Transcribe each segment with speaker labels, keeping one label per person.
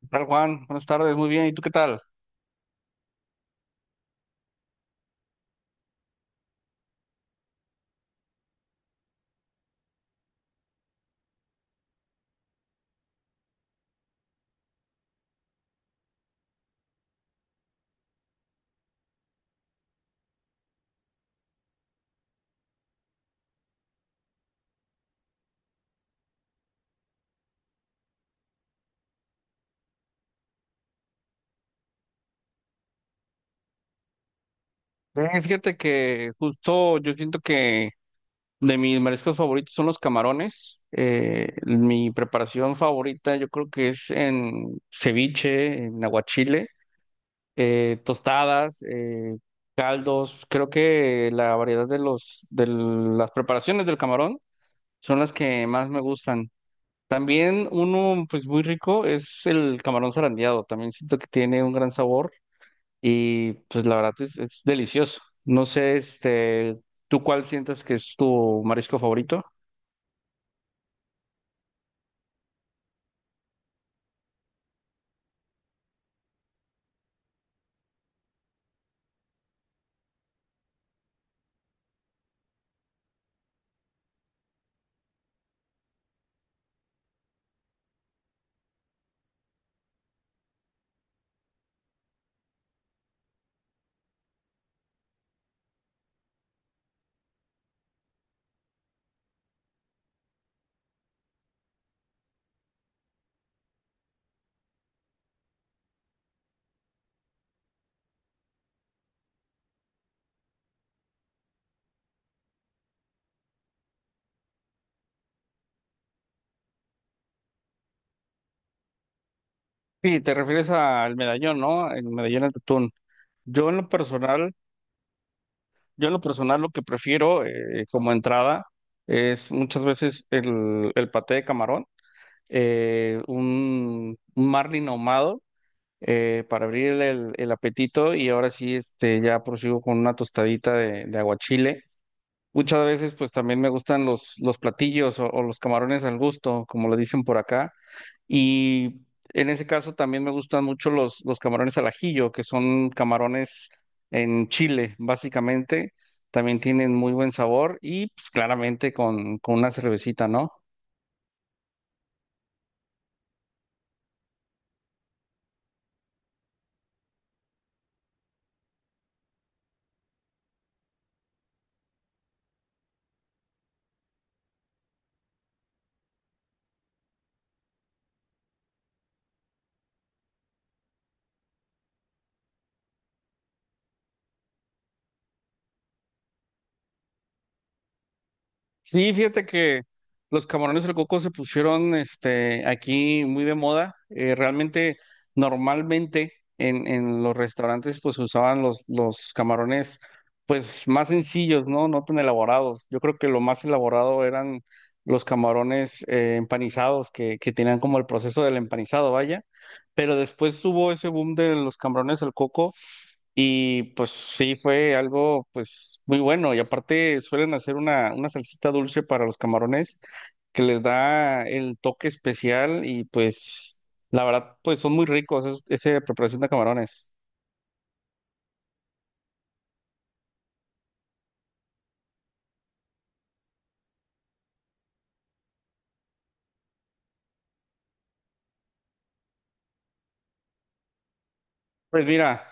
Speaker 1: ¿Qué tal, Juan? Buenas tardes, muy bien. ¿Y tú qué tal? Bien, fíjate que justo yo siento que de mis mariscos favoritos son los camarones. Mi preparación favorita yo creo que es en ceviche, en aguachile, tostadas, caldos. Creo que la variedad de de las preparaciones del camarón son las que más me gustan. También uno pues muy rico es el camarón zarandeado. También siento que tiene un gran sabor. Y pues la verdad es delicioso. No sé, ¿tú cuál sientes que es tu marisco favorito? Sí, te refieres al medallón, ¿no? El medallón de atún. Yo en lo personal, yo en lo personal lo que prefiero como entrada es muchas veces el paté de camarón, un marlin ahumado, para abrir el apetito y ahora sí, ya prosigo con una tostadita de aguachile. Muchas veces pues también me gustan los platillos o los camarones al gusto, como le dicen por acá. Y en ese caso también me gustan mucho los camarones al ajillo, que son camarones en chile, básicamente. También tienen muy buen sabor y pues claramente con una cervecita, ¿no? Sí, fíjate que los camarones al coco se pusieron aquí muy de moda. Normalmente en los restaurantes pues se usaban los camarones pues más sencillos, ¿no? No tan elaborados. Yo creo que lo más elaborado eran los camarones empanizados que tenían como el proceso del empanizado, vaya. Pero después hubo ese boom de los camarones al coco y pues sí, fue algo pues muy bueno. Y aparte suelen hacer una salsita dulce para los camarones que les da el toque especial y pues la verdad pues son muy ricos esa preparación de camarones. Pues mira,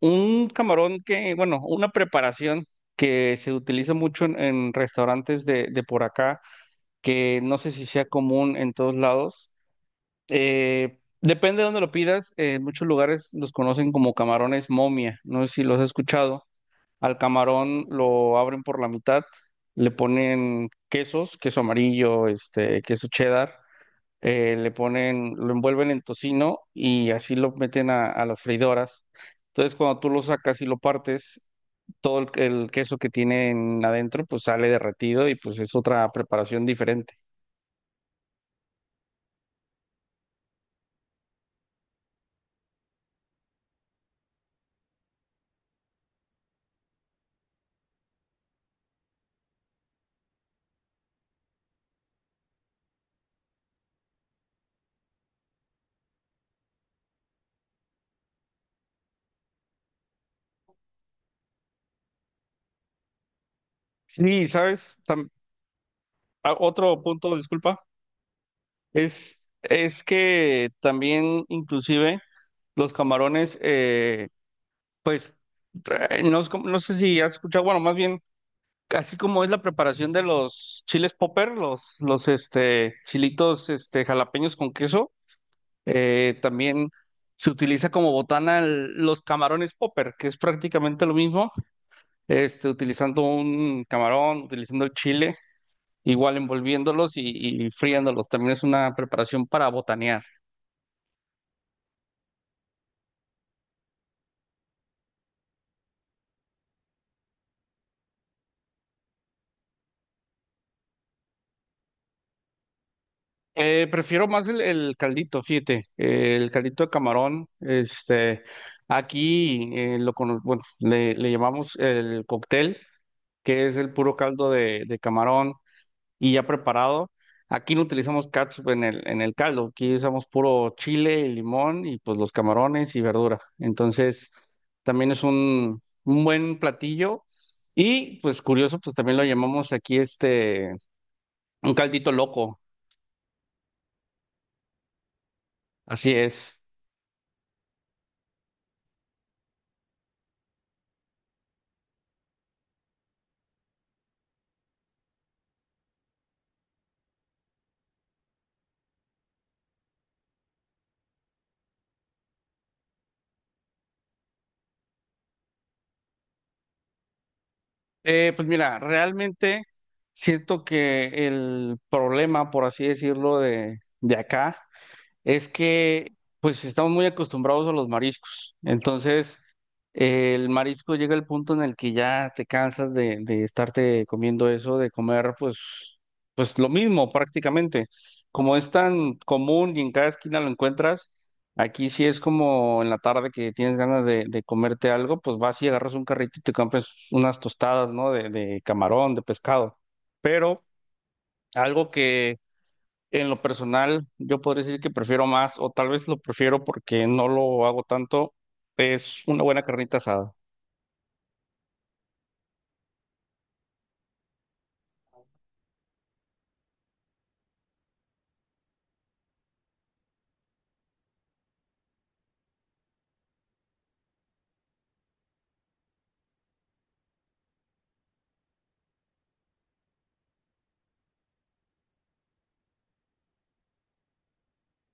Speaker 1: un camarón que, bueno, una preparación que se utiliza mucho en restaurantes de por acá, que no sé si sea común en todos lados. Depende de dónde lo pidas. En muchos lugares los conocen como camarones momia. No sé si los has escuchado. Al camarón lo abren por la mitad, le ponen quesos, queso amarillo, queso cheddar, lo envuelven en tocino y así lo meten a las freidoras. Entonces, cuando tú lo sacas y lo partes, todo el queso que tienen adentro, pues sale derretido y pues es otra preparación diferente. Sí, ¿sabes? Ah, otro punto, disculpa. Es que también inclusive los camarones, pues, no, es como... no sé si has escuchado, bueno, más bien, así como es la preparación de los chiles popper, los, chilitos jalapeños con queso, también se utiliza como botana los camarones popper, que es prácticamente lo mismo, utilizando un camarón, utilizando el chile, igual envolviéndolos y friéndolos. También es una preparación para botanear. Prefiero más el caldito, fíjate, el caldito de camarón, aquí bueno, le llamamos el cóctel, que es el puro caldo de camarón y ya preparado. Aquí no utilizamos catsup en en el caldo, aquí usamos puro chile y limón y pues los camarones y verdura. Entonces, también es un buen platillo y pues curioso, pues también lo llamamos aquí un caldito loco, así es. Pues mira, realmente siento que el problema, por así decirlo, de acá es que pues estamos muy acostumbrados a los mariscos. Entonces, el marisco llega al punto en el que ya te cansas de estarte comiendo eso, de comer pues lo mismo prácticamente. Como es tan común y en cada esquina lo encuentras, aquí sí es como en la tarde que tienes ganas de comerte algo, pues vas y agarras un carrito y te compras unas tostadas, ¿no? De camarón, de pescado. Pero algo que en lo personal yo podría decir que prefiero más, o tal vez lo prefiero porque no lo hago tanto, es una buena carnita asada.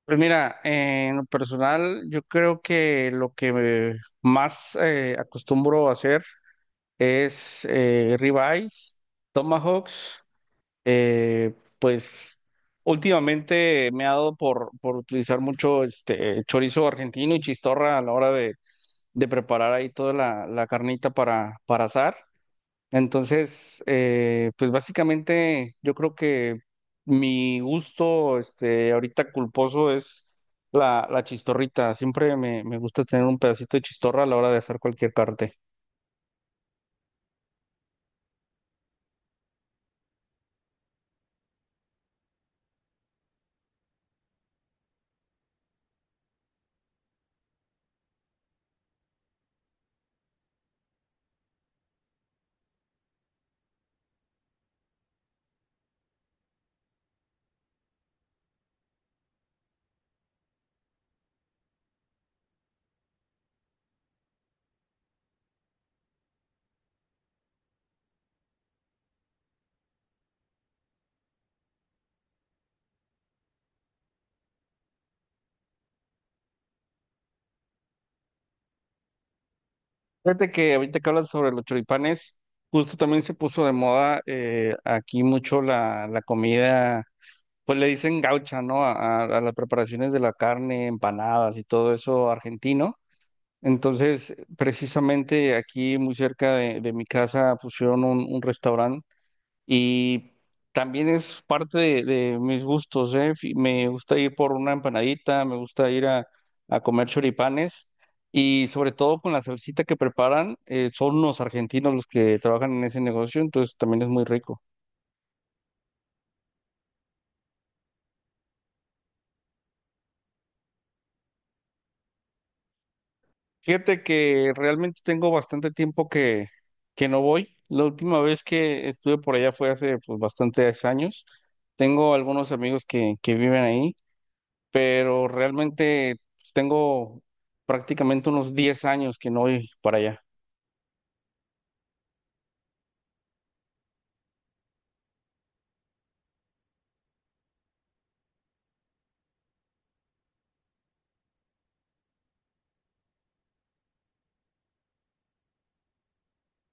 Speaker 1: Pues mira, en lo personal, yo creo que lo que me más acostumbro a hacer es ribeyes, tomahawks. Pues últimamente me ha dado por utilizar mucho este chorizo argentino y chistorra a la hora de preparar ahí toda la carnita para asar. Entonces, pues básicamente yo creo que mi gusto, ahorita culposo es la chistorrita. Siempre me gusta tener un pedacito de chistorra a la hora de hacer cualquier parte. Fíjate que ahorita que hablas sobre los choripanes, justo también se puso de moda aquí mucho la comida, pues le dicen gaucha, ¿no? A las preparaciones de la carne, empanadas y todo eso argentino. Entonces, precisamente aquí muy cerca de mi casa pusieron un restaurante y también es parte de mis gustos, ¿eh? Me gusta ir por una empanadita, me gusta ir a comer choripanes y sobre todo con la salsita que preparan, son los argentinos los que trabajan en ese negocio, entonces también es muy rico. Fíjate que realmente tengo bastante tiempo que no voy. La última vez que estuve por allá fue hace pues, bastantes años. Tengo algunos amigos que viven ahí, pero realmente pues, tengo prácticamente unos 10 años que no voy para allá.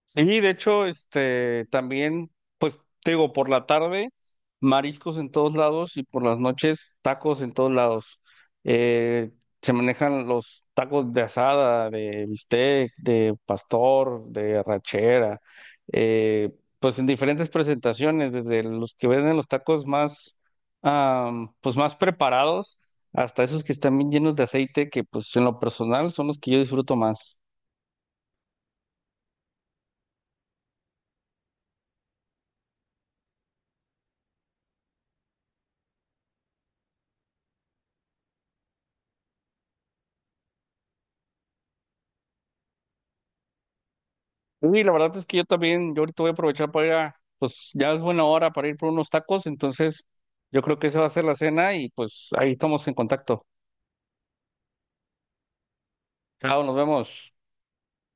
Speaker 1: Sí, de hecho, también, pues, te digo, por la tarde, mariscos en todos lados y por las noches, tacos en todos lados. Eh, Se manejan los tacos de asada, de bistec, de pastor, de arrachera, eh, pues en diferentes presentaciones, desde los que venden los tacos más, pues, más preparados hasta esos que están bien llenos de aceite, que, pues, en lo personal son los que yo disfruto más. Pues sí, la verdad es que yo también, yo ahorita voy a aprovechar para ir a, pues ya es buena hora para ir por unos tacos, entonces yo creo que esa va a ser la cena y pues ahí estamos en contacto. Chao, nos vemos.